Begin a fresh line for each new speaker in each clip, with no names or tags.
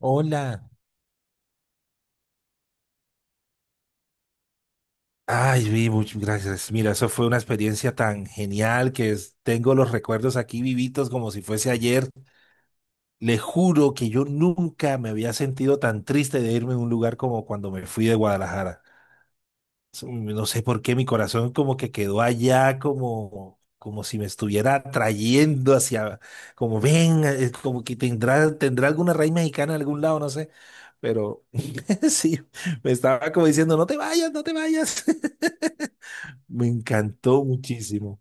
Hola. Ay, vi, muchas gracias. Mira, eso fue una experiencia tan genial que tengo los recuerdos aquí vivitos como si fuese ayer. Le juro que yo nunca me había sentido tan triste de irme a un lugar como cuando me fui de Guadalajara. Eso, no sé por qué mi corazón como que quedó allá, como si me estuviera atrayendo hacia, como ven, como que tendrá alguna raíz mexicana en algún lado, no sé. Pero sí, me estaba como diciendo, no te vayas, no te vayas. Me encantó muchísimo.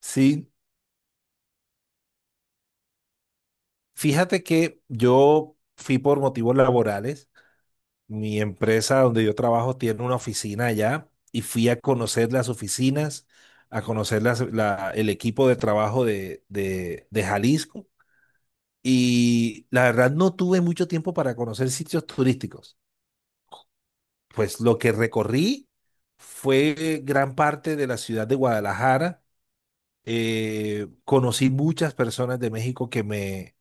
Sí, fíjate que yo fui por motivos laborales. Mi empresa donde yo trabajo tiene una oficina allá y fui a conocer las oficinas, a conocer el equipo de trabajo de Jalisco. Y la verdad no tuve mucho tiempo para conocer sitios turísticos. Pues lo que recorrí fue gran parte de la ciudad de Guadalajara. Conocí muchas personas de México que me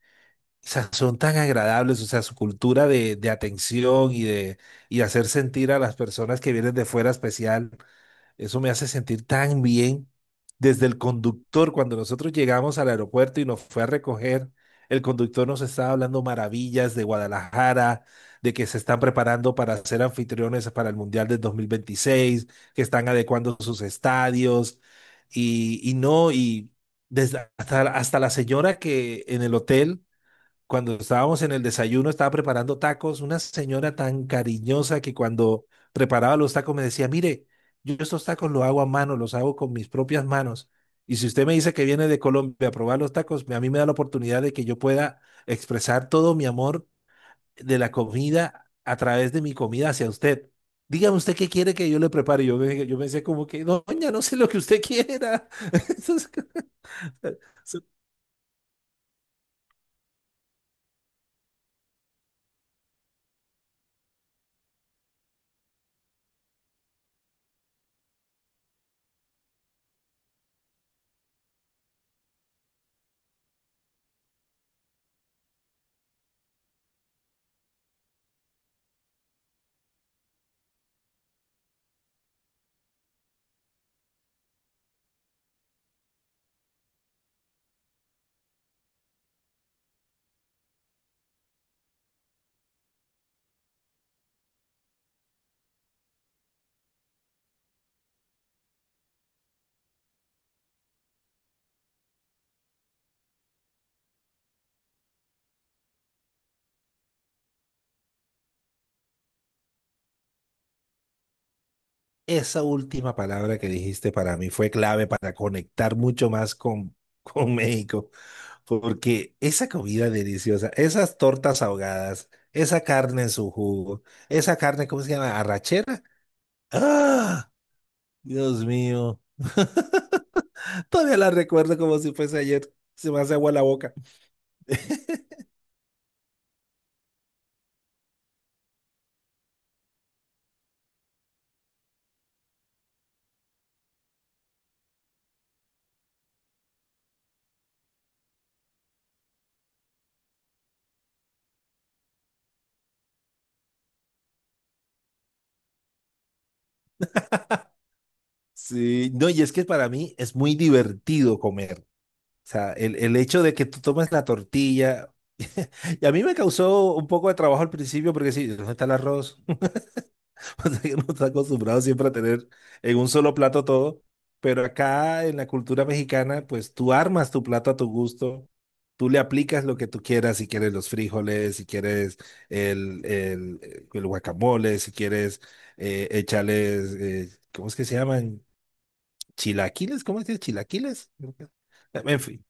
o sea, son tan agradables, o sea, su cultura de atención y de hacer sentir a las personas que vienen de fuera especial, eso me hace sentir tan bien. Desde el conductor, cuando nosotros llegamos al aeropuerto y nos fue a recoger, el conductor nos estaba hablando maravillas de Guadalajara, de que se están preparando para ser anfitriones para el Mundial del 2026, que están adecuando sus estadios y no, y desde hasta la señora que en el hotel cuando estábamos en el desayuno, estaba preparando tacos, una señora tan cariñosa que cuando preparaba los tacos me decía, mire, yo estos tacos los hago a mano, los hago con mis propias manos. Y si usted me dice que viene de Colombia a probar los tacos, a mí me da la oportunidad de que yo pueda expresar todo mi amor de la comida a través de mi comida hacia usted. Dígame usted qué quiere que yo le prepare. Yo, yo pensé como que, doña, no sé lo que usted quiera. Entonces, esa última palabra que dijiste para mí fue clave para conectar mucho más con, con México, porque esa comida deliciosa, esas tortas ahogadas, esa carne en su jugo, esa carne, ¿cómo se llama? ¿Arrachera? ¡Ah! Dios mío. Todavía la recuerdo como si fuese ayer. Se me hace agua la boca. Sí, no, y es que para mí es muy divertido comer. O sea, el hecho de que tú tomes la tortilla, y a mí me causó un poco de trabajo al principio porque sí, ¿dónde está el arroz? O sea, que uno está acostumbrado siempre a tener en un solo plato todo, pero acá en la cultura mexicana, pues tú armas tu plato a tu gusto, tú le aplicas lo que tú quieras, si quieres los frijoles, si quieres el guacamole, si quieres echarles, ¿cómo es que se llaman? Chilaquiles, ¿cómo es que es? Chilaquiles. En fin,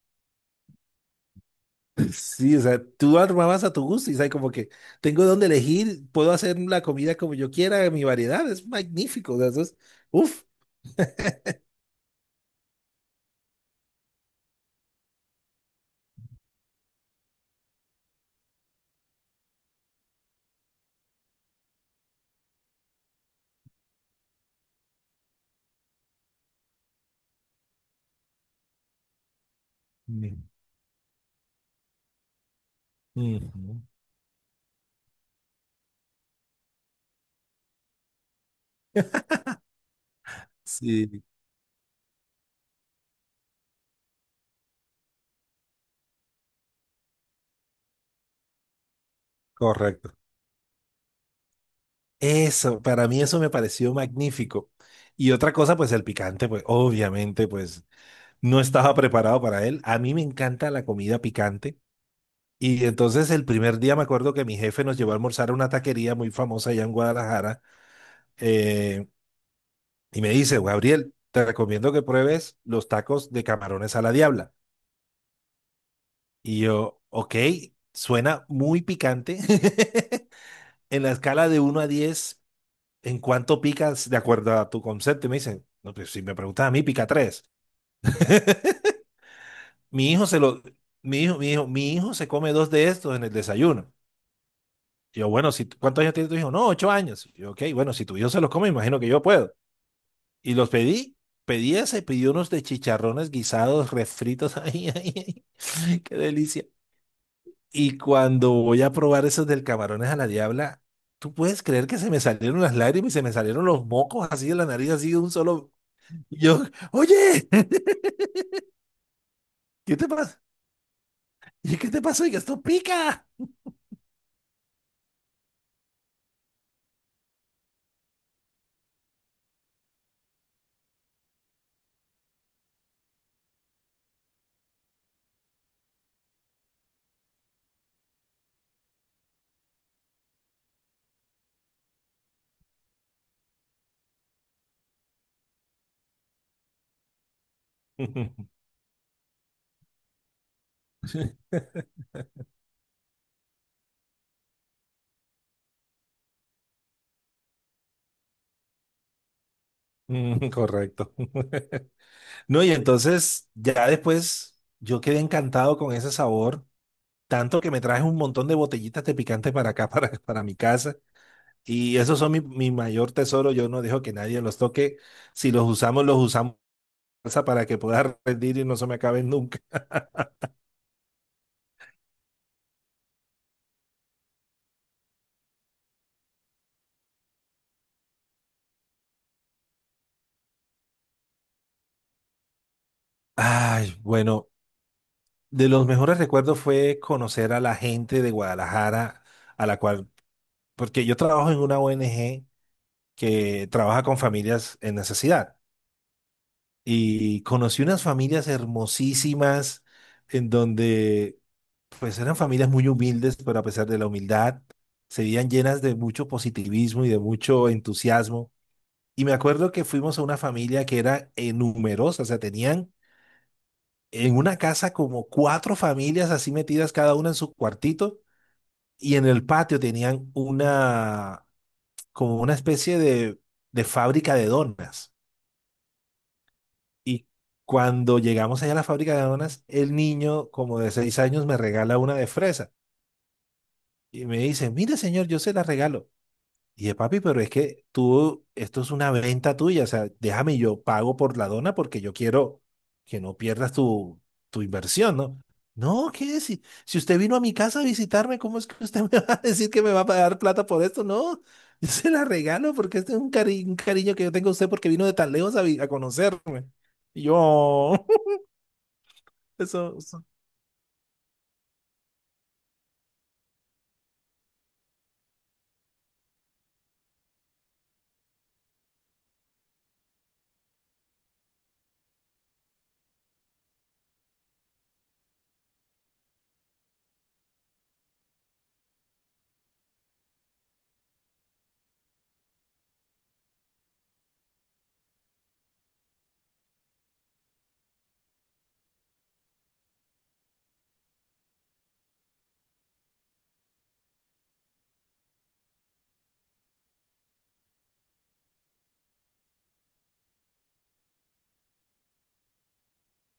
sí, o sea, tú armabas a tu gusto y sabes como que tengo donde elegir, puedo hacer la comida como yo quiera, mi variedad es magnífico, o sea, eso es, uf. Mm, sí, correcto. Eso, para mí eso me pareció magnífico. Y otra cosa, pues el picante, pues obviamente, pues no estaba preparado para él. A mí me encanta la comida picante. Y entonces el primer día me acuerdo que mi jefe nos llevó a almorzar a una taquería muy famosa allá en Guadalajara. eh, Y me dice, Gabriel, te recomiendo que pruebes los tacos de camarones a la diabla. Y yo, ok, suena muy picante. En la escala de 1 a 10, ¿en cuánto picas de acuerdo a tu concepto? Y me dicen, no, pues si me preguntas a mí, pica tres. Mi hijo se lo, mi hijo se come dos de estos en el desayuno. Y yo, bueno, si, ¿cuántos años tiene tu hijo? No, 8 años. Y yo, ok, bueno, si tu hijo se los come, imagino que yo puedo. Y los pedí. Pedí ese, pedí unos de chicharrones guisados, refritos. Ay, ay, ay, qué delicia. Y cuando voy a probar esos del camarones a la diabla, ¿tú puedes creer que se me salieron las lágrimas y se me salieron los mocos así de la nariz, así de un solo? Y yo, oye, ¿qué te pasa? ¿Y qué te pasó? Y que esto pica. Mm, correcto. No, y entonces ya después yo quedé encantado con ese sabor, tanto que me traje un montón de botellitas de picante para acá, para mi casa. Y esos son mi mayor tesoro. Yo no dejo que nadie los toque. Si los usamos, los usamos para que pueda rendir y no se me acaben nunca. Ay, bueno, de los mejores recuerdos fue conocer a la gente de Guadalajara, a la cual, porque yo trabajo en una ONG que trabaja con familias en necesidad. Y conocí unas familias hermosísimas en donde pues eran familias muy humildes, pero a pesar de la humildad, se veían llenas de mucho positivismo y de mucho entusiasmo. Y me acuerdo que fuimos a una familia que era numerosa, o sea, tenían en una casa como cuatro familias así metidas cada una en su cuartito y en el patio tenían como una especie de fábrica de donas. Y cuando llegamos allá a la fábrica de donas, el niño como de 6 años me regala una de fresa y me dice, mire señor, yo se la regalo. Y yo, papi, pero es que tú, esto es una venta tuya, o sea, déjame yo pago por la dona porque yo quiero que no pierdas tu inversión, ¿no? No, ¿qué? Si, si usted vino a mi casa a visitarme, ¿cómo es que usted me va a decir que me va a pagar plata por esto? No, yo se la regalo porque este es un cariño que yo tengo a usted porque vino de tan lejos a conocerme. Y yo, eso.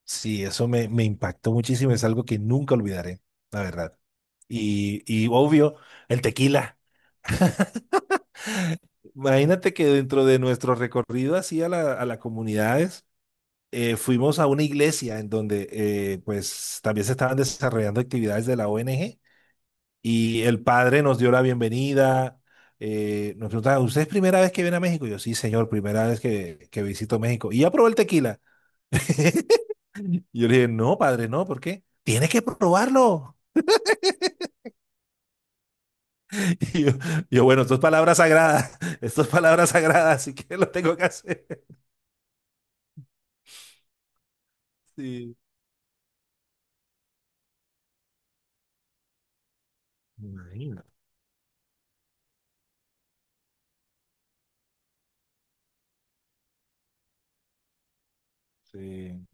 Sí, eso me impactó muchísimo, es algo que nunca olvidaré, la verdad. Y obvio, el tequila. Imagínate que dentro de nuestro recorrido así a la, a las comunidades, fuimos a una iglesia en donde pues también se estaban desarrollando actividades de la ONG y el padre nos dio la bienvenida, nos preguntaba, ¿usted es primera vez que viene a México? Y yo, sí, señor, primera vez que visito México. Y ya probó el tequila. Y yo le dije, no, padre, no, ¿por qué? Tiene que probarlo. Y yo, bueno, esto es palabra sagrada, esto es palabra sagrada, así que lo tengo que hacer. Sí, me imagino. Sí.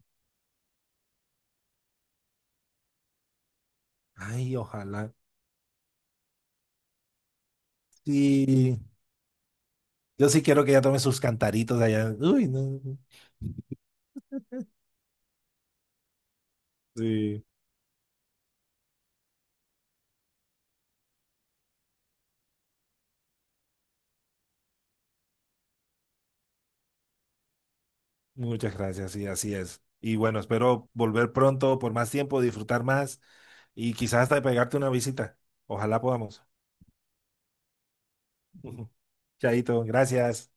Ay, ojalá. Sí, yo sí quiero que ella tome sus cantaritos allá. Uy, no. Sí, muchas gracias, sí, así es. Y bueno, espero volver pronto por más tiempo, disfrutar más y quizás hasta pegarte una visita. Ojalá podamos. Chaito, gracias.